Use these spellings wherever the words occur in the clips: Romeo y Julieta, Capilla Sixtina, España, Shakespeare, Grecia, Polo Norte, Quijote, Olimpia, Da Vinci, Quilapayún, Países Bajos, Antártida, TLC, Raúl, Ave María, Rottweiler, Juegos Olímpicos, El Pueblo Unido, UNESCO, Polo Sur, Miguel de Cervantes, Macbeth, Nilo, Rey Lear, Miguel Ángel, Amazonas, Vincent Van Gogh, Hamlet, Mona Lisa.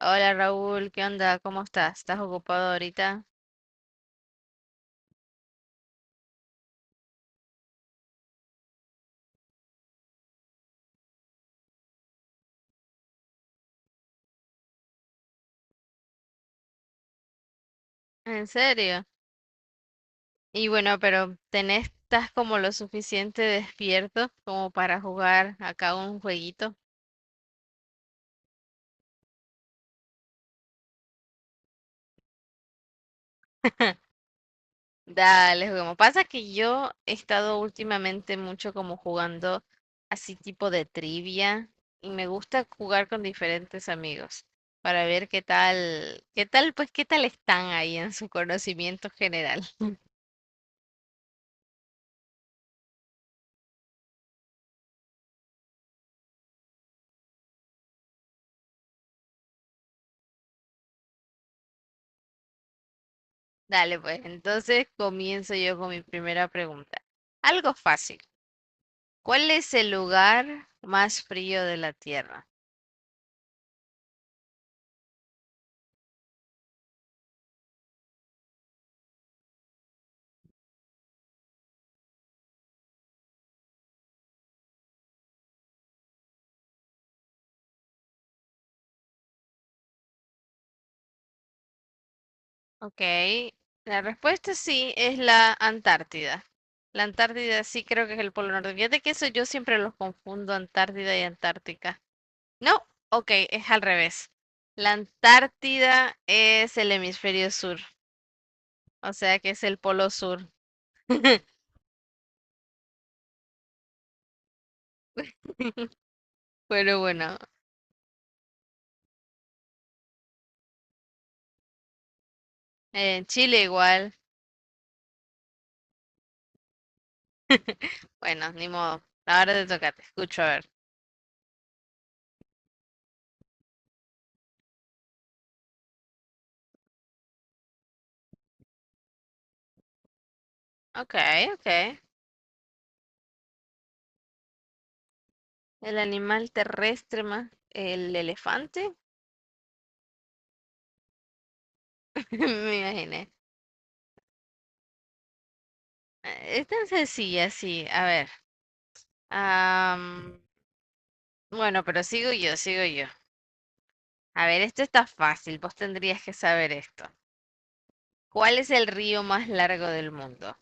Hola Raúl, ¿qué onda? ¿Cómo estás? ¿Estás ocupado ahorita? ¿En serio? Y bueno, pero ¿tenés, estás como lo suficiente despierto como para jugar acá un jueguito? Dale, juguemos. Pasa que yo he estado últimamente mucho como jugando así tipo de trivia y me gusta jugar con diferentes amigos para ver pues qué tal están ahí en su conocimiento general. Dale, pues entonces comienzo yo con mi primera pregunta. Algo fácil. ¿Cuál es el lugar más frío de la Tierra? Ok, la respuesta sí es la Antártida. La Antártida sí creo que es el Polo Norte. Fíjate que eso yo siempre los confundo, Antártida y Antártica. No, ok, es al revés. La Antártida es el hemisferio sur, o sea que es el Polo Sur. Pero bueno, en Chile igual. Bueno, ni modo. Ahora te toca, te escucho, a ver. Ok, ok. El animal terrestre más el elefante, me imaginé. Es tan sencilla, sí. A ver. am, bueno, pero sigo yo. A ver, esto está fácil. Vos tendrías que saber esto. ¿Cuál es el río más largo del mundo?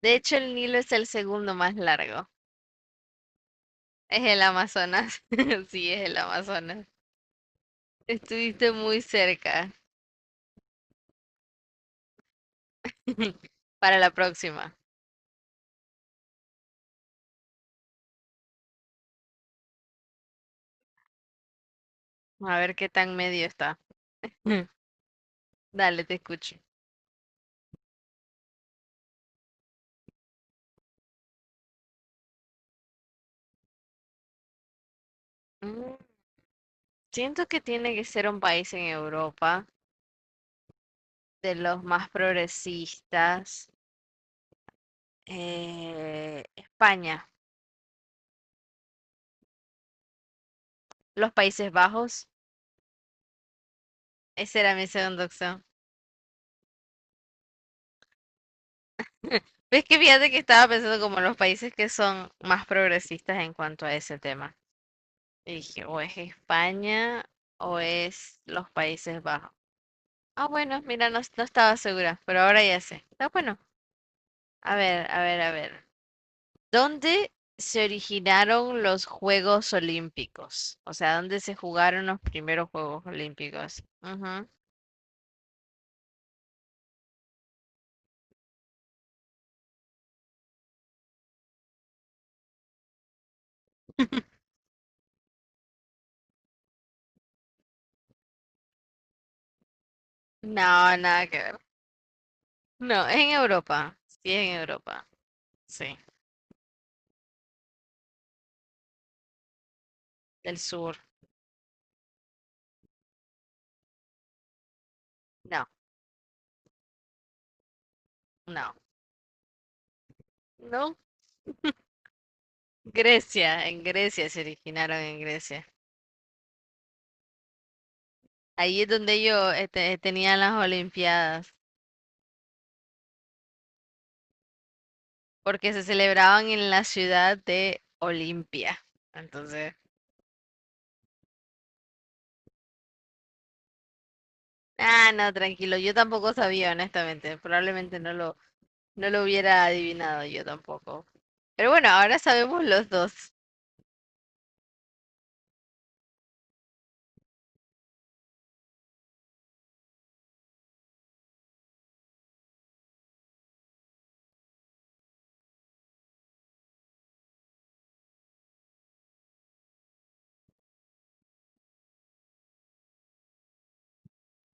De hecho, el Nilo es el segundo más largo. Es el Amazonas. Sí, es el Amazonas. Estuviste muy cerca. Para la próxima. A ver qué tan medio está. Mm, Dale, te escucho. Mm, Siento que tiene que ser un país en Europa, de los más progresistas. España, los Países Bajos. Esa era mi segunda opción. Ves que fíjate que estaba pensando como los países que son más progresistas en cuanto a ese tema. Y dije, o es España o es los Países Bajos. Ah, bueno, mira, no, no estaba segura, pero ahora ya sé. Está bueno. A ver. ¿Dónde se originaron los Juegos Olímpicos? O sea, ¿dónde se jugaron los primeros Juegos Olímpicos? Ujú. No, nada que ver. No, es en Europa. Sí, es en Europa. Sí, del sur. No, no, no. Grecia, en Grecia. Ahí es donde ellos este, tenían las Olimpiadas, porque se celebraban en la ciudad de Olimpia. Entonces, ah, no, tranquilo, yo tampoco sabía, honestamente, probablemente no lo, no lo hubiera adivinado yo tampoco. Pero bueno, ahora sabemos los dos.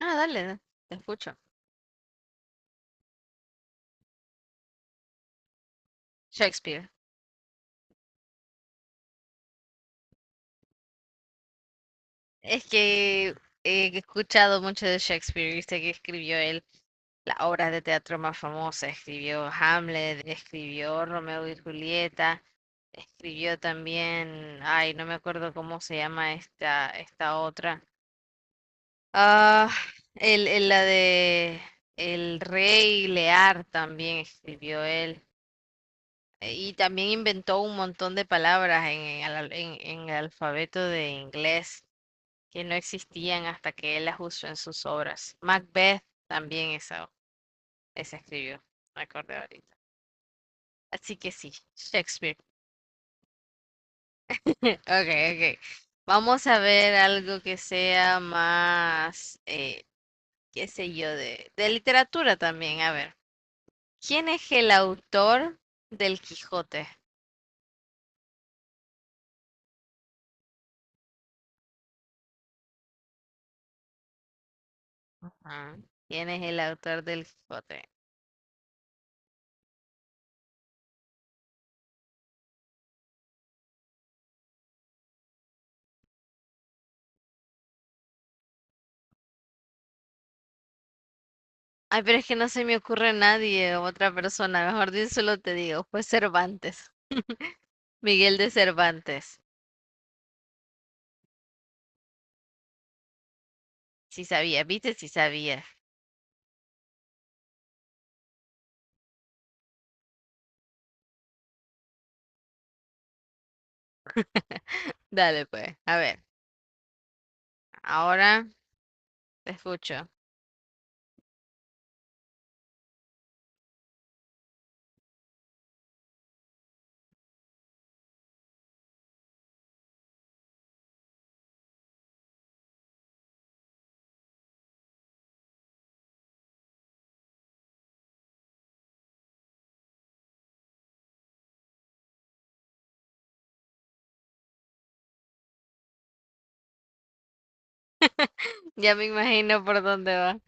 Ah, dale, te escucho. Shakespeare. Es que he escuchado mucho de Shakespeare, viste que escribió él las obras de teatro más famosas. Escribió Hamlet, escribió Romeo y Julieta, escribió también, ay, no me acuerdo cómo se llama esta otra. Ah, el- la de El Rey Lear también escribió él. Y también inventó un montón de palabras en el alfabeto de inglés que no existían hasta que él las usó en sus obras. Macbeth también esa escribió, me acordé ahorita. Así que sí, Shakespeare. Okay, okay. Vamos a ver algo que sea más, qué sé yo, de literatura también. A ver, ¿quién es el autor del Quijote? Ah, ¿quién es el autor del Quijote? Ay, pero es que no se me ocurre nadie, otra persona. Solo te digo, fue Cervantes. Miguel de Cervantes. Sí sabía, viste, sí sabía. Dale, pues. A ver, ahora te escucho. Ya me imagino por dónde va.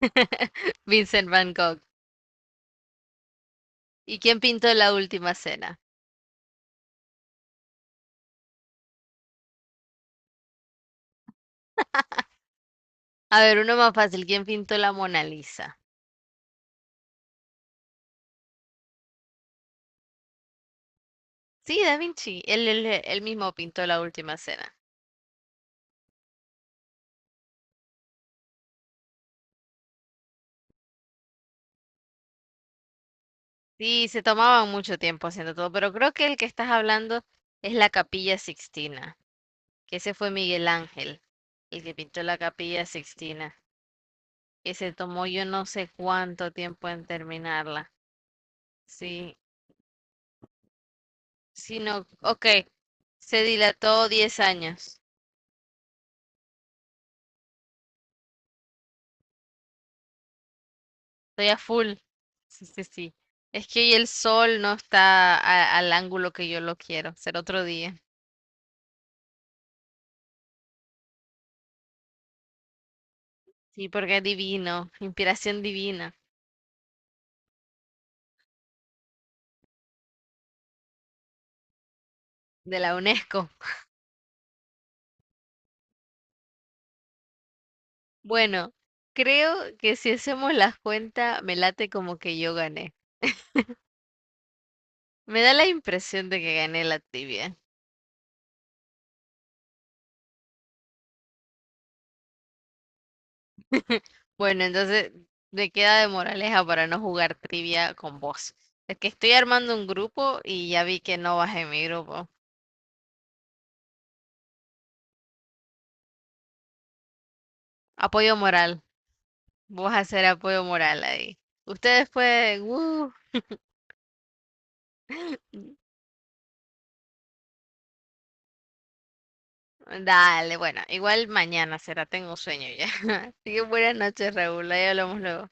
Vincent Van Gogh. ¿Y quién pintó la última cena? A ver, uno más fácil. ¿Quién pintó la Mona Lisa? Sí, Da Vinci. Él mismo pintó la última cena. Sí, se tomaban mucho tiempo haciendo todo, pero creo que el que estás hablando es la Capilla Sixtina. Que ese fue Miguel Ángel, el que pintó la Capilla Sixtina, que se tomó yo no sé cuánto tiempo en terminarla. Sí, sí, no, ok, se dilató 10 años, estoy a full. Sí, sí, sí. Es que hoy el sol no está a- al ángulo que yo lo quiero, será otro día. Sí, porque es divino, inspiración divina de la UNESCO. Bueno, creo que si hacemos la cuenta, me late como que yo gané. Me da la impresión de que gané la tibia. Bueno, entonces me queda de moraleja para no jugar trivia con vos. Es que estoy armando un grupo y ya vi que no vas en mi grupo. Apoyo moral. Vos hacer apoyo moral ahí. Ustedes pueden... uh, dale, bueno, igual mañana será, tengo sueño ya. Así que buenas noches, Raúl. Ahí hablamos luego.